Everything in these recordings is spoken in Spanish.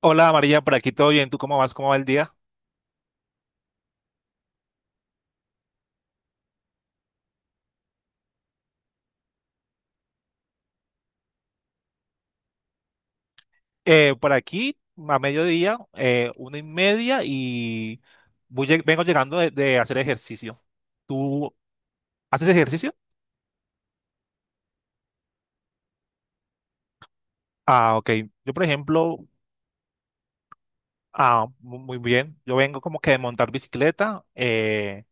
Hola María, por aquí todo bien. ¿Tú cómo vas? ¿Cómo va el día? Por aquí a mediodía, una y media y vengo llegando de hacer ejercicio. ¿Tú haces ejercicio? Ah, ok. Yo, por ejemplo, muy bien. Yo vengo como que de montar bicicleta,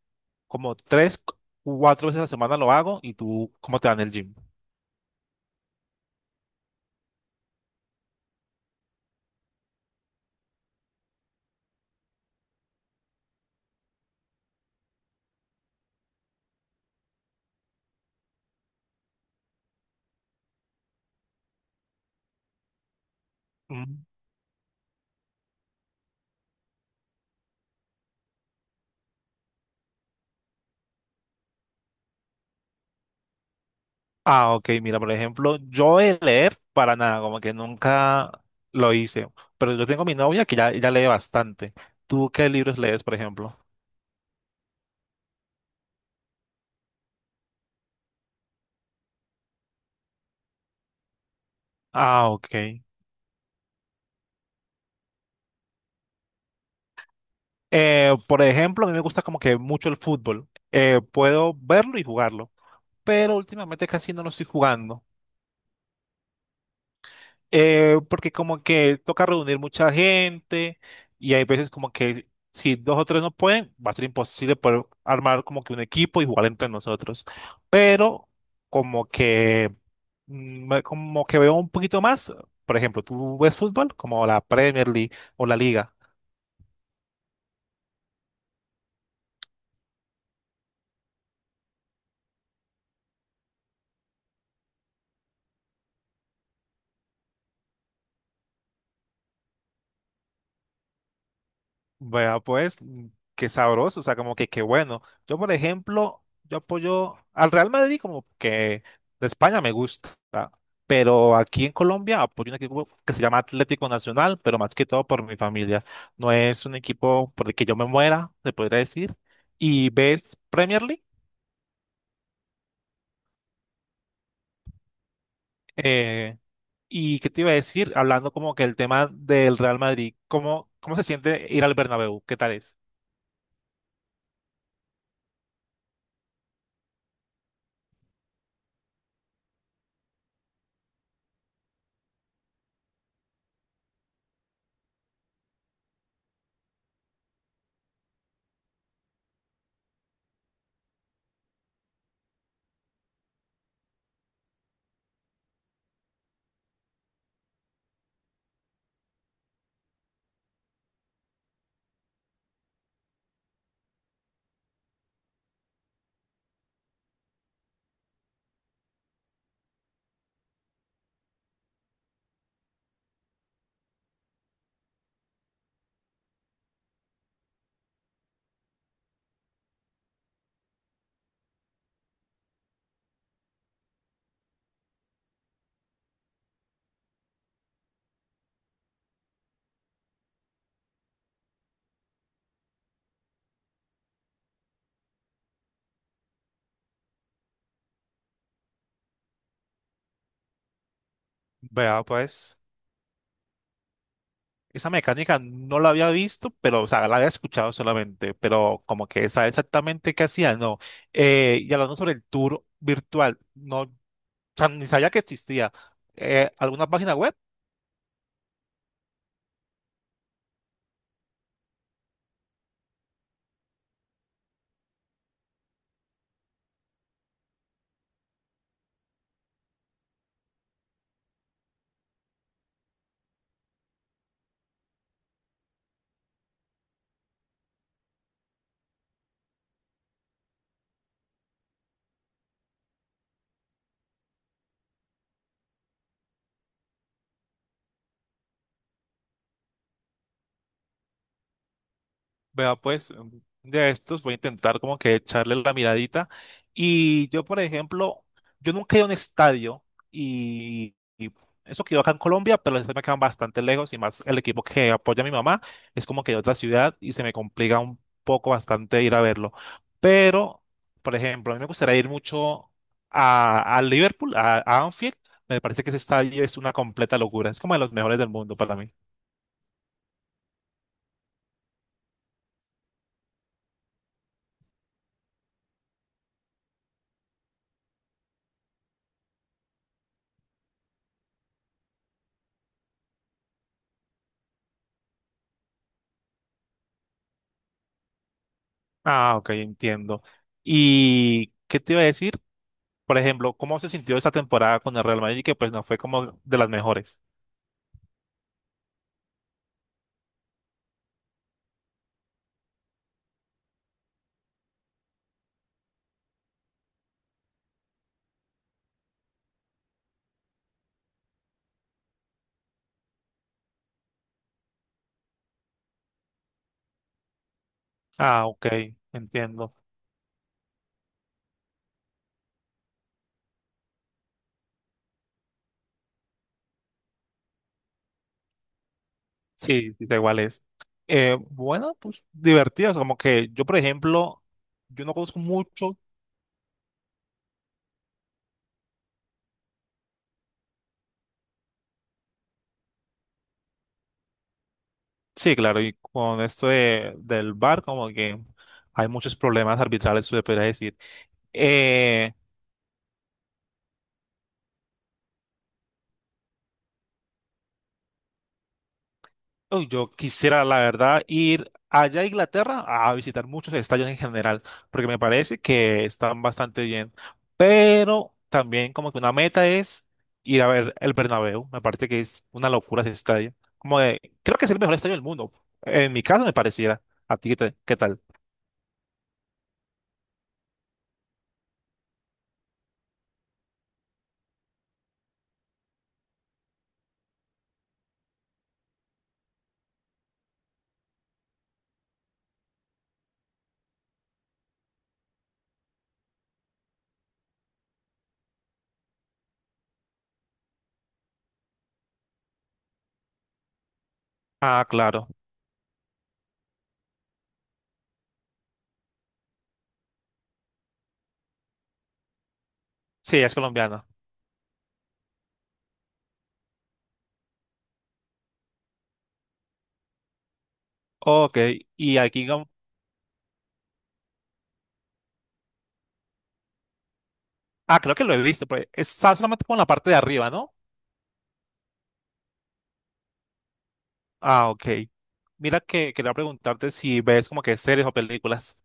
como cuatro veces a la semana lo hago. ¿Y tú cómo te va en el gym? Mm. Ah, ok, mira, por ejemplo, yo de leer para nada, como que nunca lo hice, pero yo tengo mi novia que ya lee bastante. ¿Tú qué libros lees, por ejemplo? Ah, ok. Por ejemplo, a mí me gusta como que mucho el fútbol. Puedo verlo y jugarlo, pero últimamente casi no lo estoy jugando. Porque como que toca reunir mucha gente y hay veces como que si dos o tres no pueden, va a ser imposible poder armar como que un equipo y jugar entre nosotros. Pero como que como que veo un poquito más, por ejemplo, ¿tú ves fútbol? Como la Premier League o la Liga. Vea, pues, mm, qué sabroso, o sea, como que qué bueno. Yo, por ejemplo, yo apoyo al Real Madrid como que de España me gusta, pero aquí en Colombia apoyo un equipo que se llama Atlético Nacional, pero más que todo por mi familia. No es un equipo por el que yo me muera, se podría decir. Y ves Premier League. Eh, ¿Y qué te iba a decir? Hablando como que el tema del Real Madrid, ¿cómo, cómo se siente ir al Bernabéu? ¿Qué tal es? Vea, pues. Esa mecánica no la había visto, pero, o sea, la había escuchado solamente, pero como que saber exactamente qué hacía, no. Y hablando sobre el tour virtual, no, o sea, ni sabía que existía. ¿Alguna página web? Vea, pues, de estos voy a intentar como que echarle la miradita. Y yo, por ejemplo, yo nunca he ido a un estadio y eso que yo acá en Colombia, pero los estadios me quedan bastante lejos y más el equipo que apoya a mi mamá es como que de otra ciudad y se me complica un poco bastante ir a verlo. Pero, por ejemplo, a mí me gustaría ir mucho a Liverpool, a Anfield. Me parece que ese estadio es una completa locura. Es como de los mejores del mundo para mí. Ah, ok, entiendo. ¿Y qué te iba a decir? Por ejemplo, ¿cómo se sintió esa temporada con el Real Madrid? Que pues no fue como de las mejores. Ah, ok, entiendo. Sí, sí, da igual es. Bueno, pues divertidas, como que yo, por ejemplo, yo no conozco mucho. Sí, claro, y con esto del bar como que hay muchos problemas arbitrales, se le podría decir. Eh, Uy, yo quisiera, la verdad, ir allá a Inglaterra a visitar muchos estadios en general, porque me parece que están bastante bien. Pero también como que una meta es ir a ver el Bernabéu. Me parece que es una locura ese estadio. Como de, creo que es el mejor estadio del mundo. En mi caso me pareciera. ¿A ti qué, qué tal? Ah, claro. Sí, ella es colombiana. Ok. Y aquí... como- Ah, creo que lo he visto, pero está solamente con la parte de arriba, ¿no? Ah, ok. Mira que quería preguntarte si ves como que series o películas.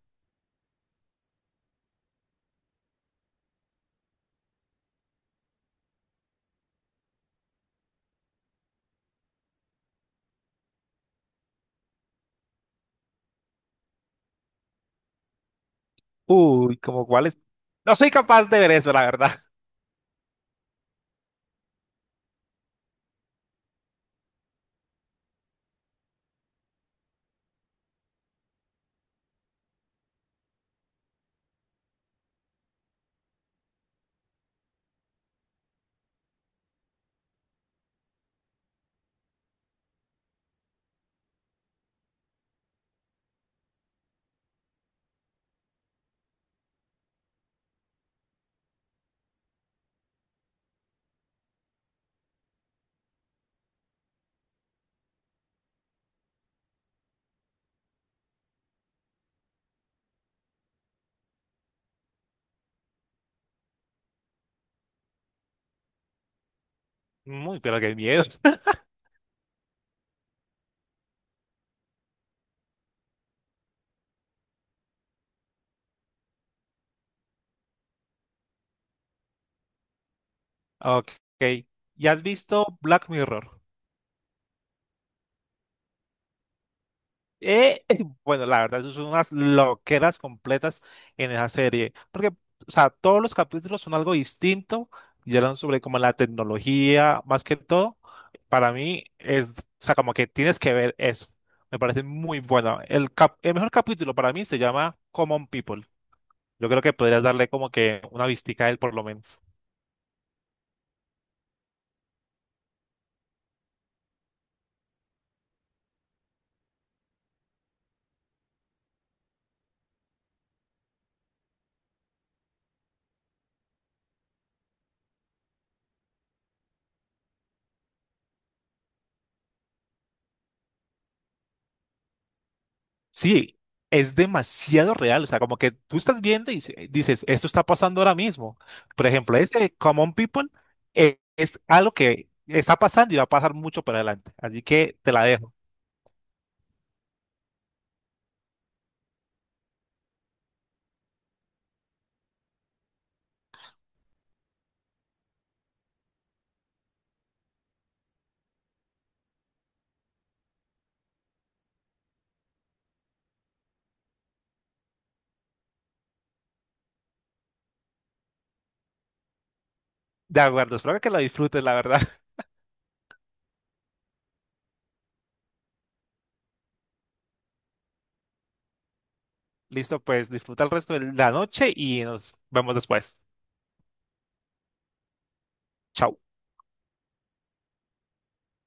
Uy, ¿como cuáles? No soy capaz de ver eso, la verdad. Muy, pero qué miedo. Ok. ¿Ya has visto Black Mirror? Eh, bueno, la verdad, eso son unas loqueras completas en esa serie. Porque, o sea, todos los capítulos son algo distinto y hablan sobre como la tecnología, más que todo. Para mí es, o sea, como que tienes que ver eso. Me parece muy bueno. El el mejor capítulo para mí se llama Common People. Yo creo que podrías darle como que una vistica a él por lo menos. Sí, es demasiado real. O sea, como que tú estás viendo y dices, esto está pasando ahora mismo. Por ejemplo, este Common People es algo que está pasando y va a pasar mucho para adelante. Así que te la dejo. De acuerdo, espero que la disfrutes, la verdad. Listo, pues disfruta el resto de la noche y nos vemos después. Chao.